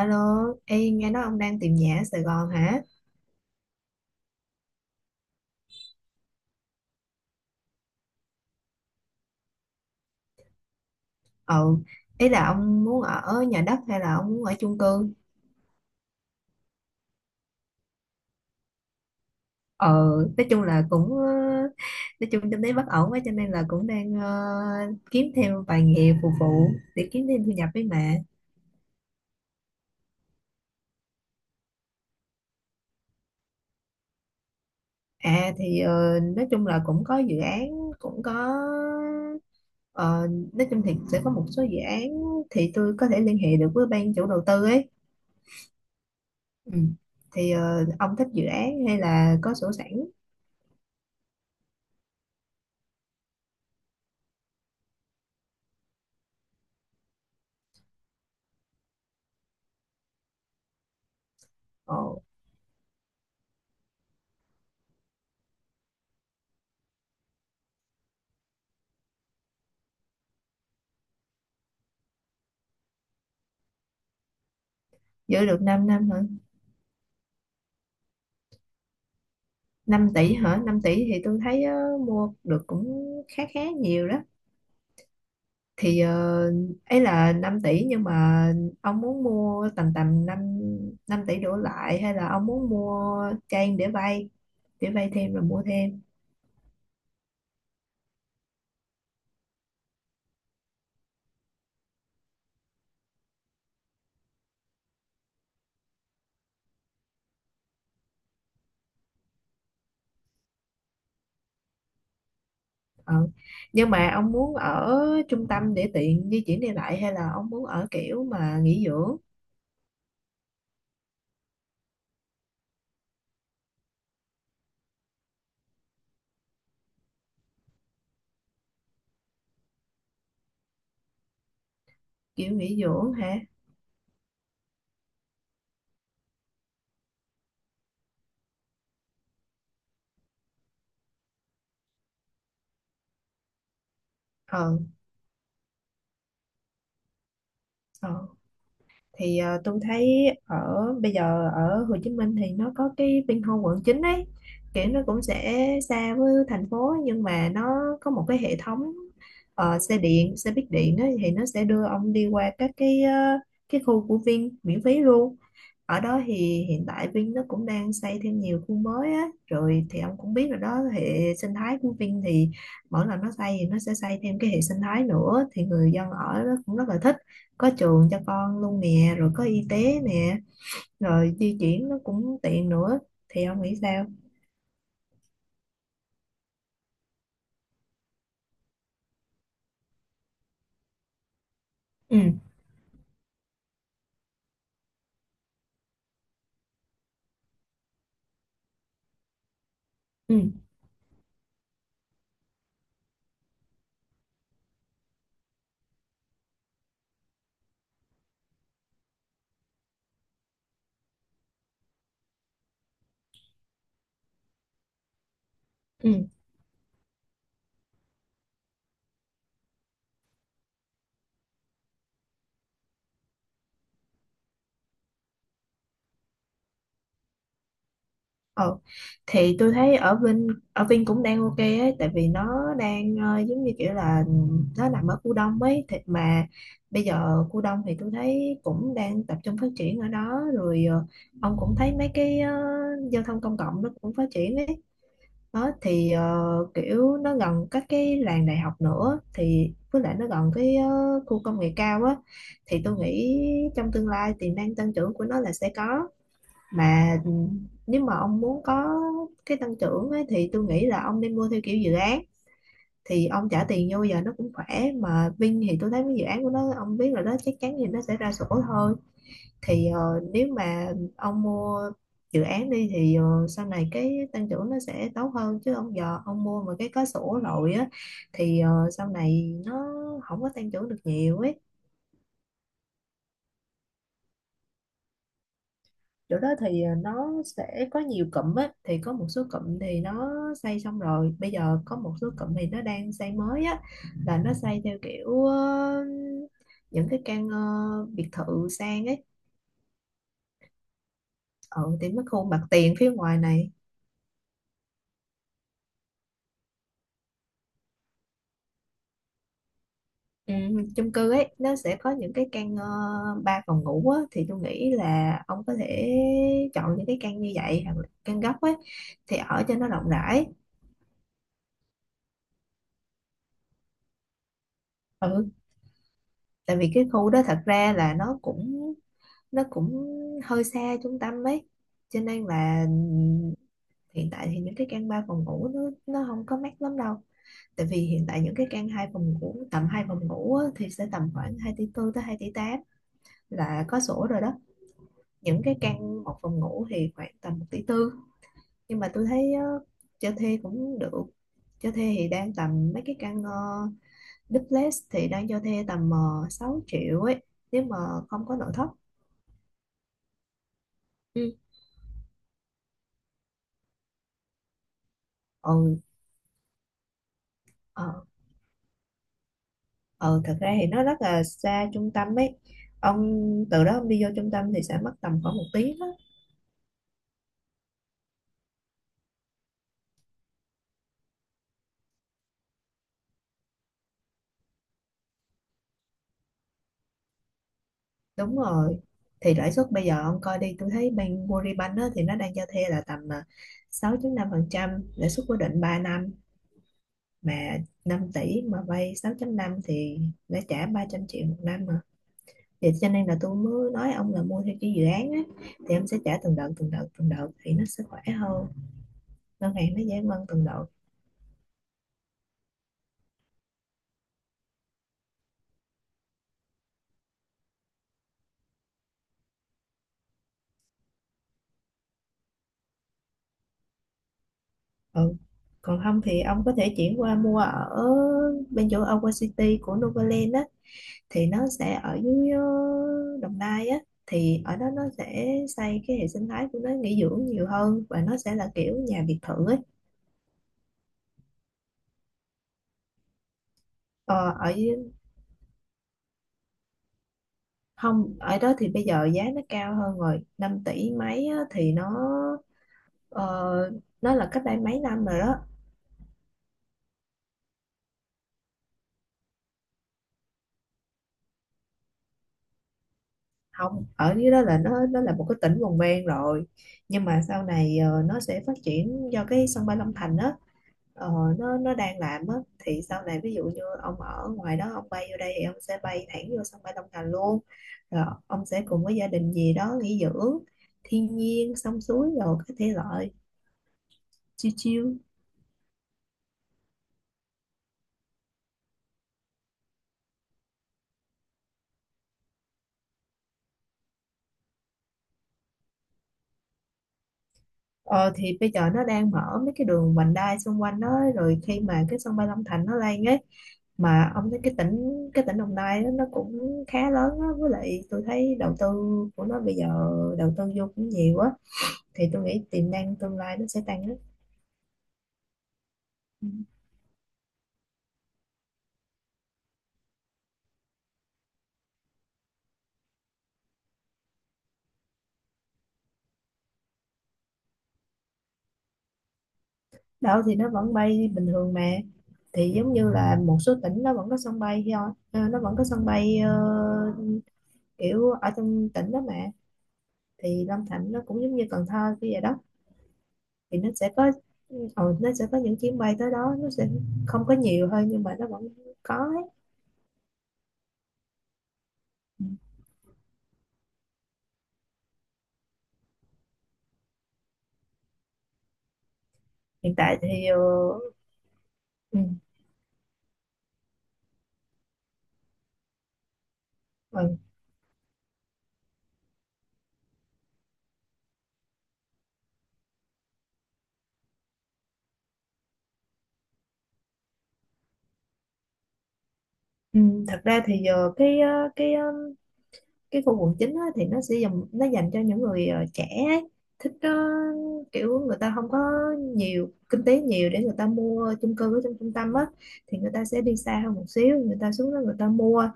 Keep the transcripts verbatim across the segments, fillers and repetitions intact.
Alo, ê, nghe nói ông đang tìm nhà ở Sài Gòn hả? Ừ, ý là ông muốn ở nhà đất hay là ông muốn ở chung cư? Ừ, nói chung là cũng, ờ, nói chung kinh tế bất ổn quá cho nên là cũng đang ờ, kiếm thêm vài nghề phục vụ để kiếm thêm thu nhập với mẹ. À thì ờ, nói chung là cũng có dự án, cũng có, ờ, nói chung thì sẽ có một số dự án thì tôi có thể liên hệ được với ban chủ đầu tư ấy. Ừ. Thì ờ, ông thích dự án hay là có sổ sẵn? Ừ. Giữ được 5 năm hả? Năm tỷ hả? Năm tỷ thì tôi thấy ờ, mua được cũng khá khá nhiều đó. thì ờ, Ấy là năm tỷ nhưng mà ông muốn mua tầm tầm năm, năm tỷ đổ lại hay là ông muốn mua trang để vay, để vay thêm rồi mua thêm? Ờ. Nhưng mà ông muốn ở trung tâm để tiện di chuyển đi lại hay là ông muốn ở kiểu mà nghỉ dưỡng, kiểu nghỉ dưỡng hả? Ờ. Ờ. Thì ờ, tôi thấy ở bây giờ ở Hồ Chí Minh thì nó có cái Vinhomes quận chín ấy, kiểu nó cũng sẽ xa với thành phố nhưng mà nó có một cái hệ thống ờ, xe điện xe buýt điện đó, thì nó sẽ đưa ông đi qua các cái ờ, cái khu của Vin miễn phí luôn. Ở đó thì hiện tại Vin nó cũng đang xây thêm nhiều khu mới á, rồi thì ông cũng biết rồi đó, hệ sinh thái của Vin thì mỗi lần nó xây thì nó sẽ xây thêm cái hệ sinh thái nữa thì người dân ở đó cũng rất là thích, có trường cho con luôn nè, rồi có y tế nè, rồi di chuyển nó cũng tiện nữa. Thì ông nghĩ sao? Ừ. Ừ. Ừ. ờ thì tôi thấy ở Vinh ở Vin cũng đang ok ấy, tại vì nó đang ờ, giống như kiểu là nó nằm ở khu đông ấy, thì mà bây giờ khu đông thì tôi thấy cũng đang tập trung phát triển ở đó rồi. ờ, ông cũng thấy mấy cái ờ, giao thông công cộng nó cũng phát triển ấy đó. Thì ờ, kiểu nó gần các cái làng đại học nữa thì với lại nó gần cái ờ, khu công nghệ cao á, thì tôi nghĩ trong tương lai tiềm năng tăng trưởng của nó là sẽ có. Mà ừ, nếu mà ông muốn có cái tăng trưởng ấy, thì tôi nghĩ là ông nên mua theo kiểu dự án, thì ông trả tiền vô giờ nó cũng khỏe mà. Vin thì tôi thấy cái dự án của nó ông biết là nó chắc chắn gì nó sẽ ra sổ thôi. Thì ờ, nếu mà ông mua dự án đi thì ờ, sau này cái tăng trưởng nó sẽ tốt hơn, chứ ông giờ ông mua mà cái có sổ rồi á thì ờ, sau này nó không có tăng trưởng được nhiều ấy. Chỗ đó thì ờ, nó sẽ có nhiều cụm á, thì có một số cụm thì nó xây xong rồi, bây giờ có một số cụm thì nó đang xây mới á, là nó xây theo kiểu ờ, những cái căn ờ, biệt thự sang ấy. Ừ, thì mấy khu mặt tiền phía ngoài này. Ừ, chung cư ấy nó sẽ có những cái căn uh, ba phòng ngủ á, thì tôi nghĩ là ông có thể chọn những cái căn như vậy hoặc là căn góc ấy, thì ở cho nó rộng rãi. Ừ, tại vì cái khu đó thật ra là nó cũng nó cũng hơi xa trung tâm ấy, cho nên là ừm, hiện tại thì những cái căn ba phòng ngủ nó nó không có mắc lắm đâu, tại vì hiện tại những cái căn hai phòng ngủ tầm hai phòng ngủ á, thì sẽ tầm khoảng hai tỷ tư tới hai tỷ tám là có sổ rồi đó. Những cái căn một phòng ngủ thì khoảng tầm một tỷ tư, nhưng mà tôi thấy ờ, cho thuê cũng được. Cho thuê thì đang tầm mấy cái căn ờ, duplex thì đang cho thuê tầm uh, sáu triệu ấy, nếu mà không có nội thất. Ừ. Ừ. Ờ. Ờ, thật ra thì nó rất là xa trung tâm ấy. Ông từ đó ông đi vô trung tâm thì sẽ mất tầm khoảng một tiếng á. Đúng rồi, thì lãi suất bây giờ ông coi đi, tôi thấy bên Agribank á, thì nó đang cho thuê là tầm à, sáu phẩy năm phần trăm, lãi suất cố định ba năm mà. Năm tỷ mà vay sáu phẩy năm thì đã trả ba trăm triệu một năm mà, thì cho nên là tôi mới nói ông là mua theo cái dự án á, thì em sẽ trả từng đợt từng đợt từng đợt thì nó sẽ khỏe hơn, ngân hàng nó giải ngân từng đợt. Ừ. Còn không thì ông có thể chuyển qua mua ở bên chỗ Aqua City của Novaland á, thì nó sẽ ở dưới ờ, Đồng Nai á. Thì ở đó nó sẽ xây cái hệ sinh thái của nó nghỉ dưỡng nhiều hơn và nó sẽ là kiểu nhà biệt thự ấy. Ờ, ở Không, ở đó thì bây giờ giá nó cao hơn rồi, năm tỷ mấy á, thì nó ờ, nó là cách đây mấy năm rồi đó. Không, ở dưới đó là nó nó là một cái tỉnh vùng ven rồi, nhưng mà sau này ờ, nó sẽ phát triển do cái sân bay Long Thành á. ờ, nó nó đang làm á, thì sau này ví dụ như ông ở ngoài đó ông bay vô đây thì ông sẽ bay thẳng vô sân bay Long Thành luôn, rồi ông sẽ cùng với gia đình gì đó nghỉ dưỡng thiên nhiên sông suối rồi cái thể loại chill chill. Ờ thì bây giờ nó đang mở mấy cái đường vành đai xung quanh đó rồi, khi mà cái sân bay Long Thành nó lên ấy. Mà ông thấy cái tỉnh cái tỉnh Đồng Nai đó, nó cũng khá lớn á, với lại tôi thấy đầu tư của nó bây giờ đầu tư vô cũng nhiều á, thì tôi nghĩ tiềm năng tương lai nó sẽ tăng á. Ừ. Đâu, thì nó vẫn bay bình thường mà. Thì giống như là một số tỉnh nó vẫn có sân bay thôi, ờ, nó vẫn có sân bay ờ, kiểu ở trong tỉnh đó mà. Thì Long Thành nó cũng giống như Cần Thơ kia vậy đó, thì nó sẽ có, ừ, nó sẽ có những chuyến bay tới đó, nó sẽ không có nhiều thôi nhưng mà nó vẫn có ấy. Ừ. Hiện tại thì ờ, ừ, ừ, ừ, thật ra thì giờ cái ờ, cái ờ, cái khu quận chín á, thì nó sẽ dành, nó dành cho những người ờ, trẻ ấy, thích ờ, kiểu người ta không có nhiều kinh tế nhiều để người ta mua chung cư ở trong trung tâm á, thì người ta sẽ đi xa hơn một xíu, người ta xuống đó người ta mua.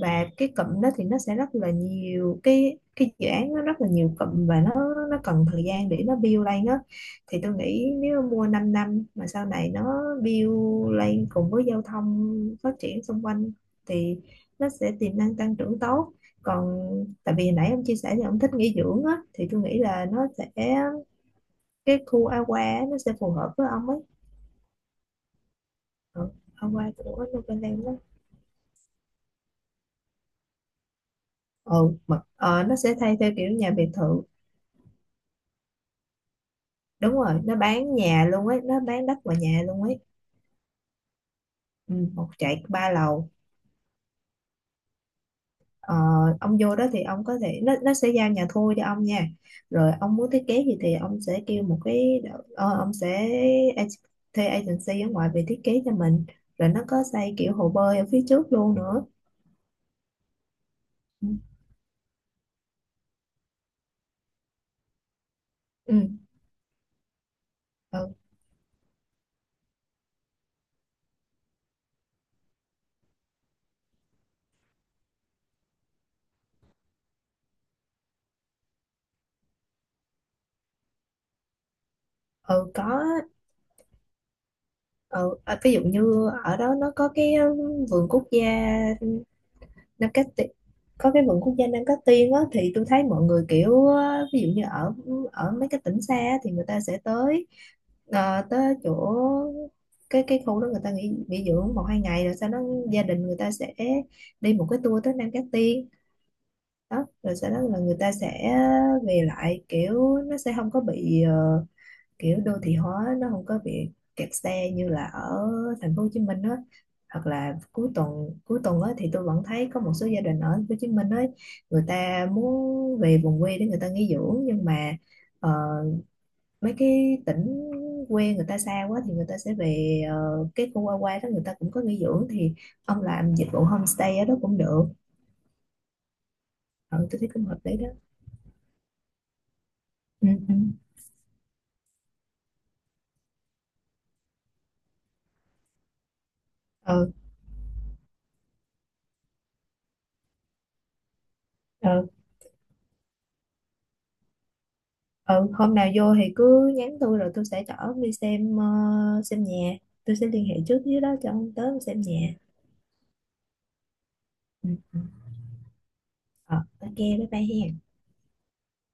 Và cái cụm đó thì nó sẽ rất là nhiều cái cái dự án, nó rất là nhiều cụm, và nó nó cần thời gian để nó build lên á. Thì tôi nghĩ nếu mua 5 năm năm mà sau này nó build lên cùng với giao thông phát triển xung quanh thì nó sẽ tiềm năng tăng trưởng tốt. Còn tại vì nãy ông chia sẻ thì ông thích nghỉ dưỡng á, thì tôi nghĩ là nó sẽ, cái khu aqua á, nó sẽ phù hợp với ông ấy. Ừ, Awa của Novaland đó. Ừ, mà ờ, nó sẽ thay theo kiểu nhà biệt thự. Đúng rồi, nó bán nhà luôn ấy, nó bán đất và nhà luôn ấy. Ừ, một trệt ba lầu. Ờ, ông vô đó thì ông có thể, nó nó sẽ giao nhà thô cho ông nha, rồi ông muốn thiết kế gì thì ông sẽ kêu một cái ờ, ông sẽ ag- thuê agency ở ngoài về thiết kế cho mình, rồi nó có xây kiểu hồ bơi ở phía trước luôn nữa. Ừ. Ừ. Ừ, ừ có. Ừ, à, ví dụ như ở đó nó có cái um, vườn quốc gia Nam Cát Tiên, có cái vườn quốc gia Nam Cát Tiên á, thì tôi thấy mọi người kiểu á, ví dụ như ở ở mấy cái tỉnh xa á, thì người ta sẽ tới ờ, tới chỗ cái cái khu đó, người ta nghỉ nghỉ dưỡng một hai ngày, rồi sau đó gia đình người ta sẽ đi một cái tour tới Nam Cát Tiên đó, rồi sau đó là người ta sẽ về lại, kiểu nó sẽ không có bị ờ, kiểu đô thị hóa, nó không có bị kẹt xe như là ở thành phố Hồ Chí Minh á. Hoặc là cuối tuần cuối tuần á thì tôi vẫn thấy có một số gia đình ở thành phố Hồ Chí Minh ấy, người ta muốn về vùng quê để người ta nghỉ dưỡng, nhưng mà ờ, mấy cái tỉnh quê người ta xa quá thì người ta sẽ về ờ, cái khu qua qua đó người ta cũng có nghỉ dưỡng, thì ông làm dịch vụ homestay ở đó cũng được. Ừ, tôi thấy cũng hợp lý đó. Ừ, ừ. Ừ, ừ. Ừ, hôm nào vô thì cứ nhắn tôi, rồi tôi sẽ chở ông đi xem ờ, xem nhà, tôi sẽ liên hệ trước với đó cho ông tới ông xem nhà. Ừ. Ừ. Ờ, ok, bye bye hen.